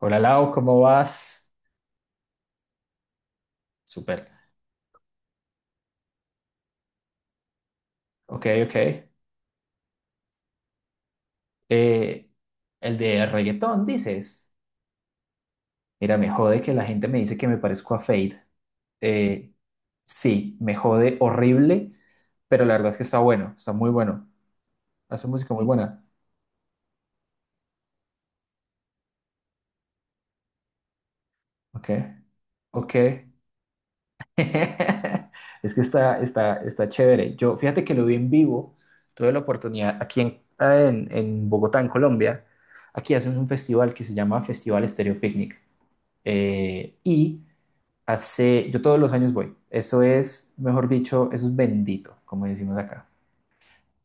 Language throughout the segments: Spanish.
Hola Lau, ¿cómo vas? Súper. Ok, ok. Eh, el de reggaetón, dices. Mira, me jode que la gente me dice que me parezco a Fade. Eh, sí, me jode horrible, pero la verdad es que está bueno, está muy bueno. Hace música muy buena. Ok, ok. Es que está chévere. Yo, fíjate que lo vi en vivo. Tuve la oportunidad aquí en Bogotá, en Colombia. Aquí hacen un festival que se llama Festival Estéreo Picnic. Y hace, yo todos los años voy. Eso es, mejor dicho, eso es bendito, como decimos acá.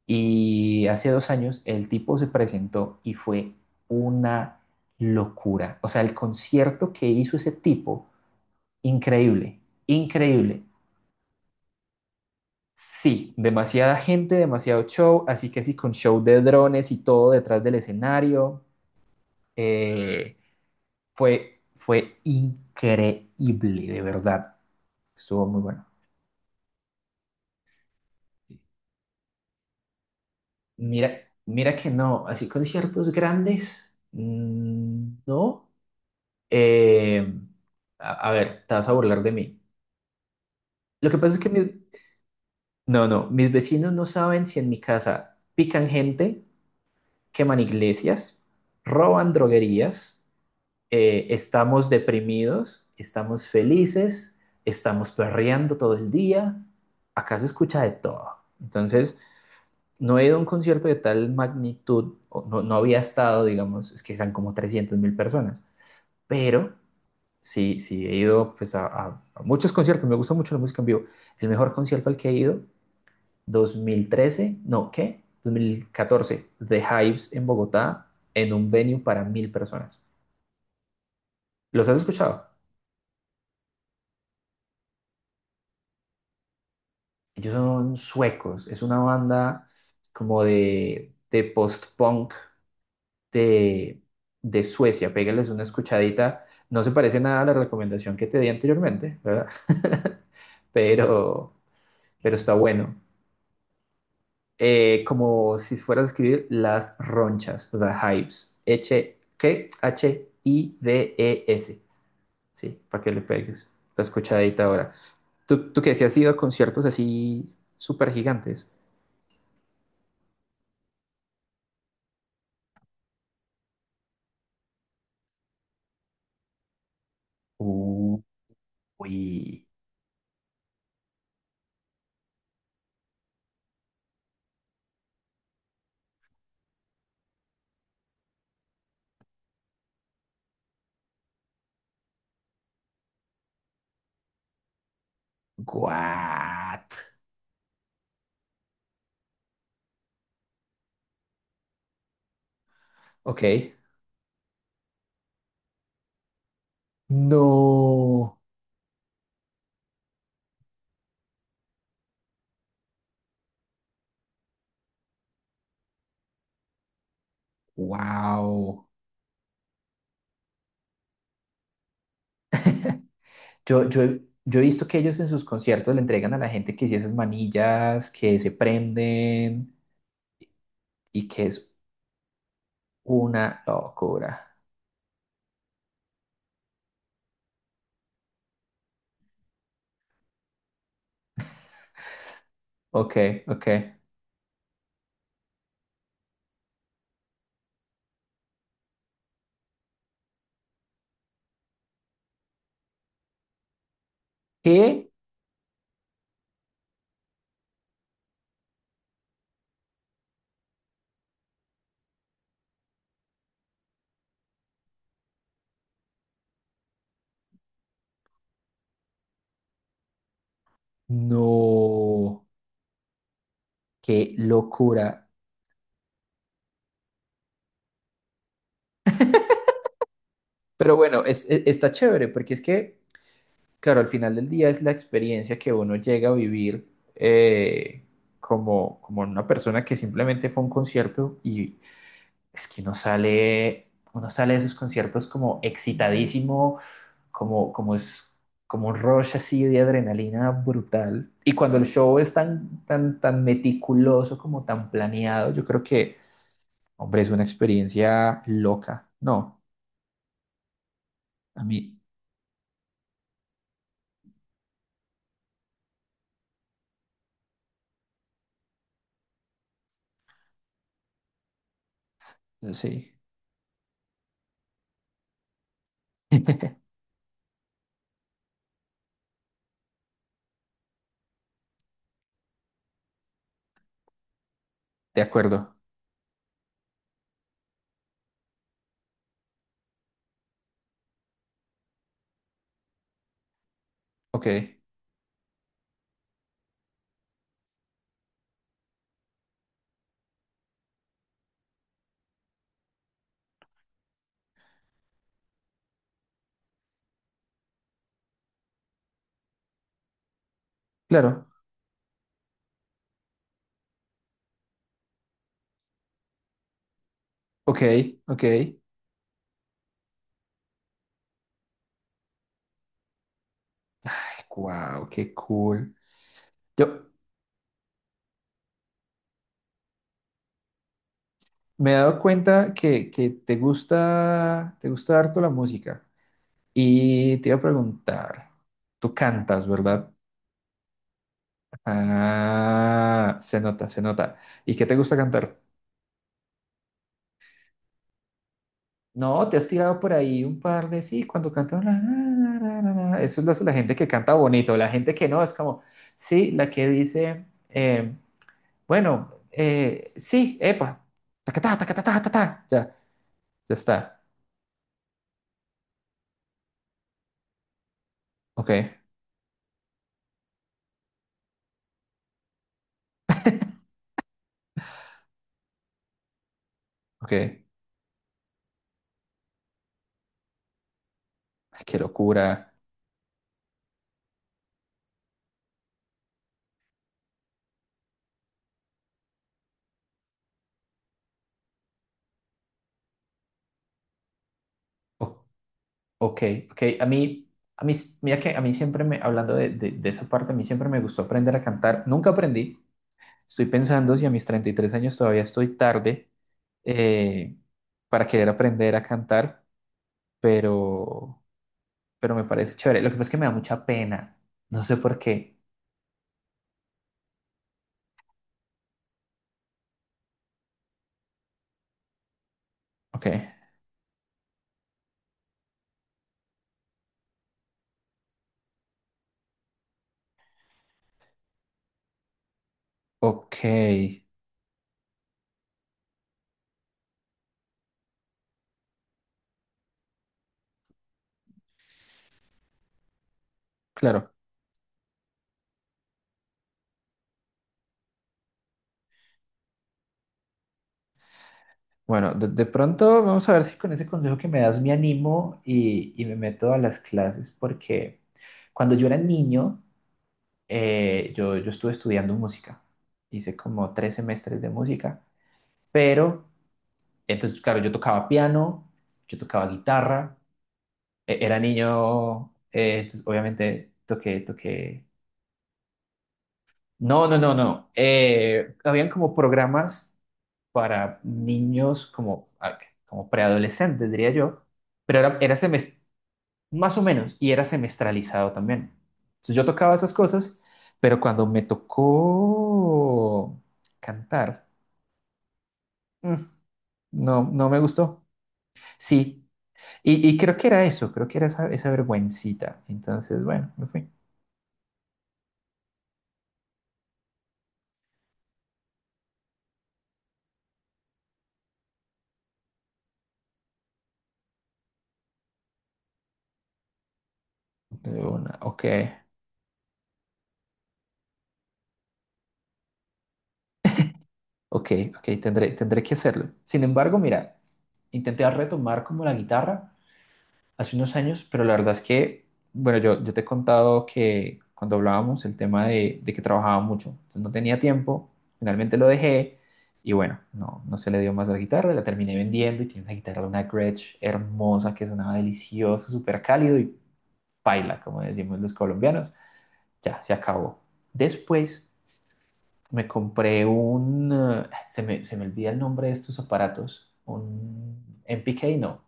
Y hace 2 años el tipo se presentó y fue una locura. O sea, el concierto que hizo ese tipo, increíble, increíble. Sí, demasiada gente, demasiado show, así que sí, con show de drones y todo detrás del escenario. Eh, fue increíble, de verdad. Estuvo muy bueno. Mira, mira que no, así conciertos grandes, no. Eh, a ver, te vas a burlar de mí. Lo que pasa es que mis vecinos no saben si en mi casa pican gente, queman iglesias, roban droguerías, estamos deprimidos, estamos felices, estamos perreando todo el día. Acá se escucha de todo. Entonces, no he ido a un concierto de tal magnitud, o no, no había estado, digamos, es que eran como 300 mil personas, pero sí, sí he ido pues, a muchos conciertos, me gusta mucho la música en vivo. El mejor concierto al que he ido, 2013, no, ¿qué? 2014, The Hives en Bogotá, en un venue para 1000 personas. ¿Los has escuchado? Ellos son suecos, es una banda como de post-punk de, de Suecia. Pégales una escuchadita. No se parece nada a la recomendación que te di anteriormente, ¿verdad? Pero, pero está bueno. Como si fueras a escribir las ronchas, the hives. H, ¿qué? H I D e s. Sí, para que le pegues la escuchadita ahora. ¿Tú qué? ¿Si has ido a conciertos así súper gigantes? Uy, what? Ok. No. Wow. Yo he visto que ellos en sus conciertos le entregan a la gente que sí esas manillas que se prenden y que es una locura. Ok, ok. ¿Qué? No, qué locura. Pero bueno, es- está chévere porque es que, claro, al final del día es la experiencia que uno llega a vivir, eh, como, como una persona que simplemente fue a un concierto y es que uno sale de esos conciertos como excitadísimo, como, como es como un rush así de adrenalina brutal. Y cuando el show es tan, tan, tan meticuloso, como tan planeado, yo creo que, hombre, es una experiencia loca. No, a mí, sí. De acuerdo. Ok, claro. Ok, ok. Ay, wow, qué cool. Yo me he dado cuenta que te gusta harto la música. Y te iba a preguntar, tú cantas, ¿verdad? Ah, se nota, se nota. ¿Y qué te gusta cantar? No, te has tirado por ahí un par de sí, cuando cantan la, la, la, la, la, la". Eso es la la gente que canta bonito, la gente que no, es como, sí, la que dice, bueno, sí, epa, tacatá, tacatá, tacatá, ya, ya está. Ok, ok, ay, qué locura. Ok, ok, ok. A mí, mira que a mí siempre me, hablando de esa parte, a mí siempre me gustó aprender a cantar. Nunca aprendí. Estoy pensando si a mis 33 años todavía estoy tarde eh, para querer aprender a cantar, pero, pero me parece chévere. Lo que pasa es que me da mucha pena. No sé por qué. Ok, ok. Claro. Bueno, de pronto vamos a ver si con ese consejo que me das me animo y me meto a las clases, porque cuando yo era niño... Yo estuve estudiando música, hice como 3 semestres de música, pero entonces, claro, yo tocaba piano, yo tocaba guitarra, e- era niño, entonces obviamente toqué, toqué... No, no, no, no. Habían como programas para niños como, ah, como preadolescentes, diría yo, pero era semest-. Más o menos, y era semestralizado también. Entonces yo tocaba esas cosas, pero cuando me tocó cantar, mm, no, no me gustó. Sí, y creo que era eso, creo que era esa vergüencita. Entonces, bueno, me fui. De una, ok, ok, ok, tendré que hacerlo. Sin embargo, mira, intenté retomar como la guitarra hace unos años, pero la verdad es que, bueno, yo te he contado que cuando hablábamos el tema de que trabajaba mucho, entonces no tenía tiempo, finalmente lo dejé y bueno, no, no se le dio más a la guitarra, la terminé vendiendo y tiene una guitarra, una Gretsch hermosa que sonaba delicioso, súper cálido y paila, como decimos los colombianos, ya, se acabó. Después me compré un, se me olvida el nombre de estos aparatos, un MPK, no,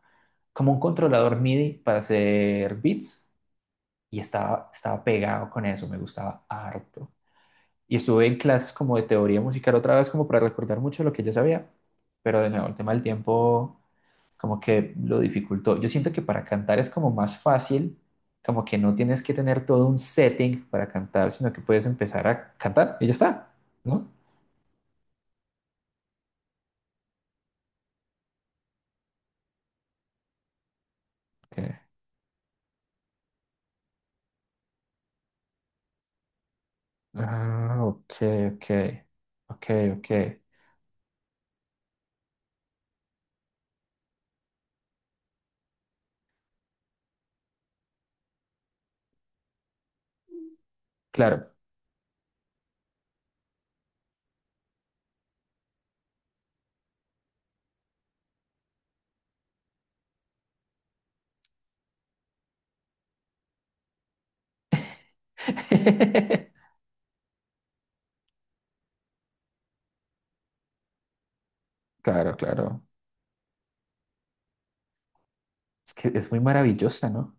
como un controlador MIDI para hacer beats y estaba pegado con eso, me gustaba harto. Y estuve en clases como de teoría musical otra vez, como para recordar mucho lo que yo sabía, pero de nuevo el tema del tiempo como que lo dificultó. Yo siento que para cantar es como más fácil, como que no tienes que tener todo un setting para cantar, sino que puedes empezar a cantar y ya está, ¿no? Ok, ah, ok, ok, ok, ok, claro. Claro, claro. Es que es muy maravillosa, ¿no?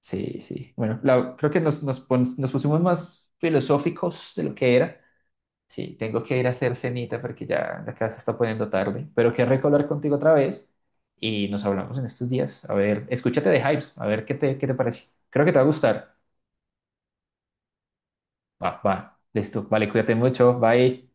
Sí, sí. Bueno, la- creo que nos pusimos más filosóficos de lo que era. Sí, tengo que ir a hacer cenita porque ya la casa se está poniendo tarde. Pero qué rico hablar contigo otra vez y nos hablamos en estos días. A ver, escúchate de Hypes, a ver qué te parece. Creo que te va a gustar. Va, va, listo. Vale, cuídate mucho. Bye.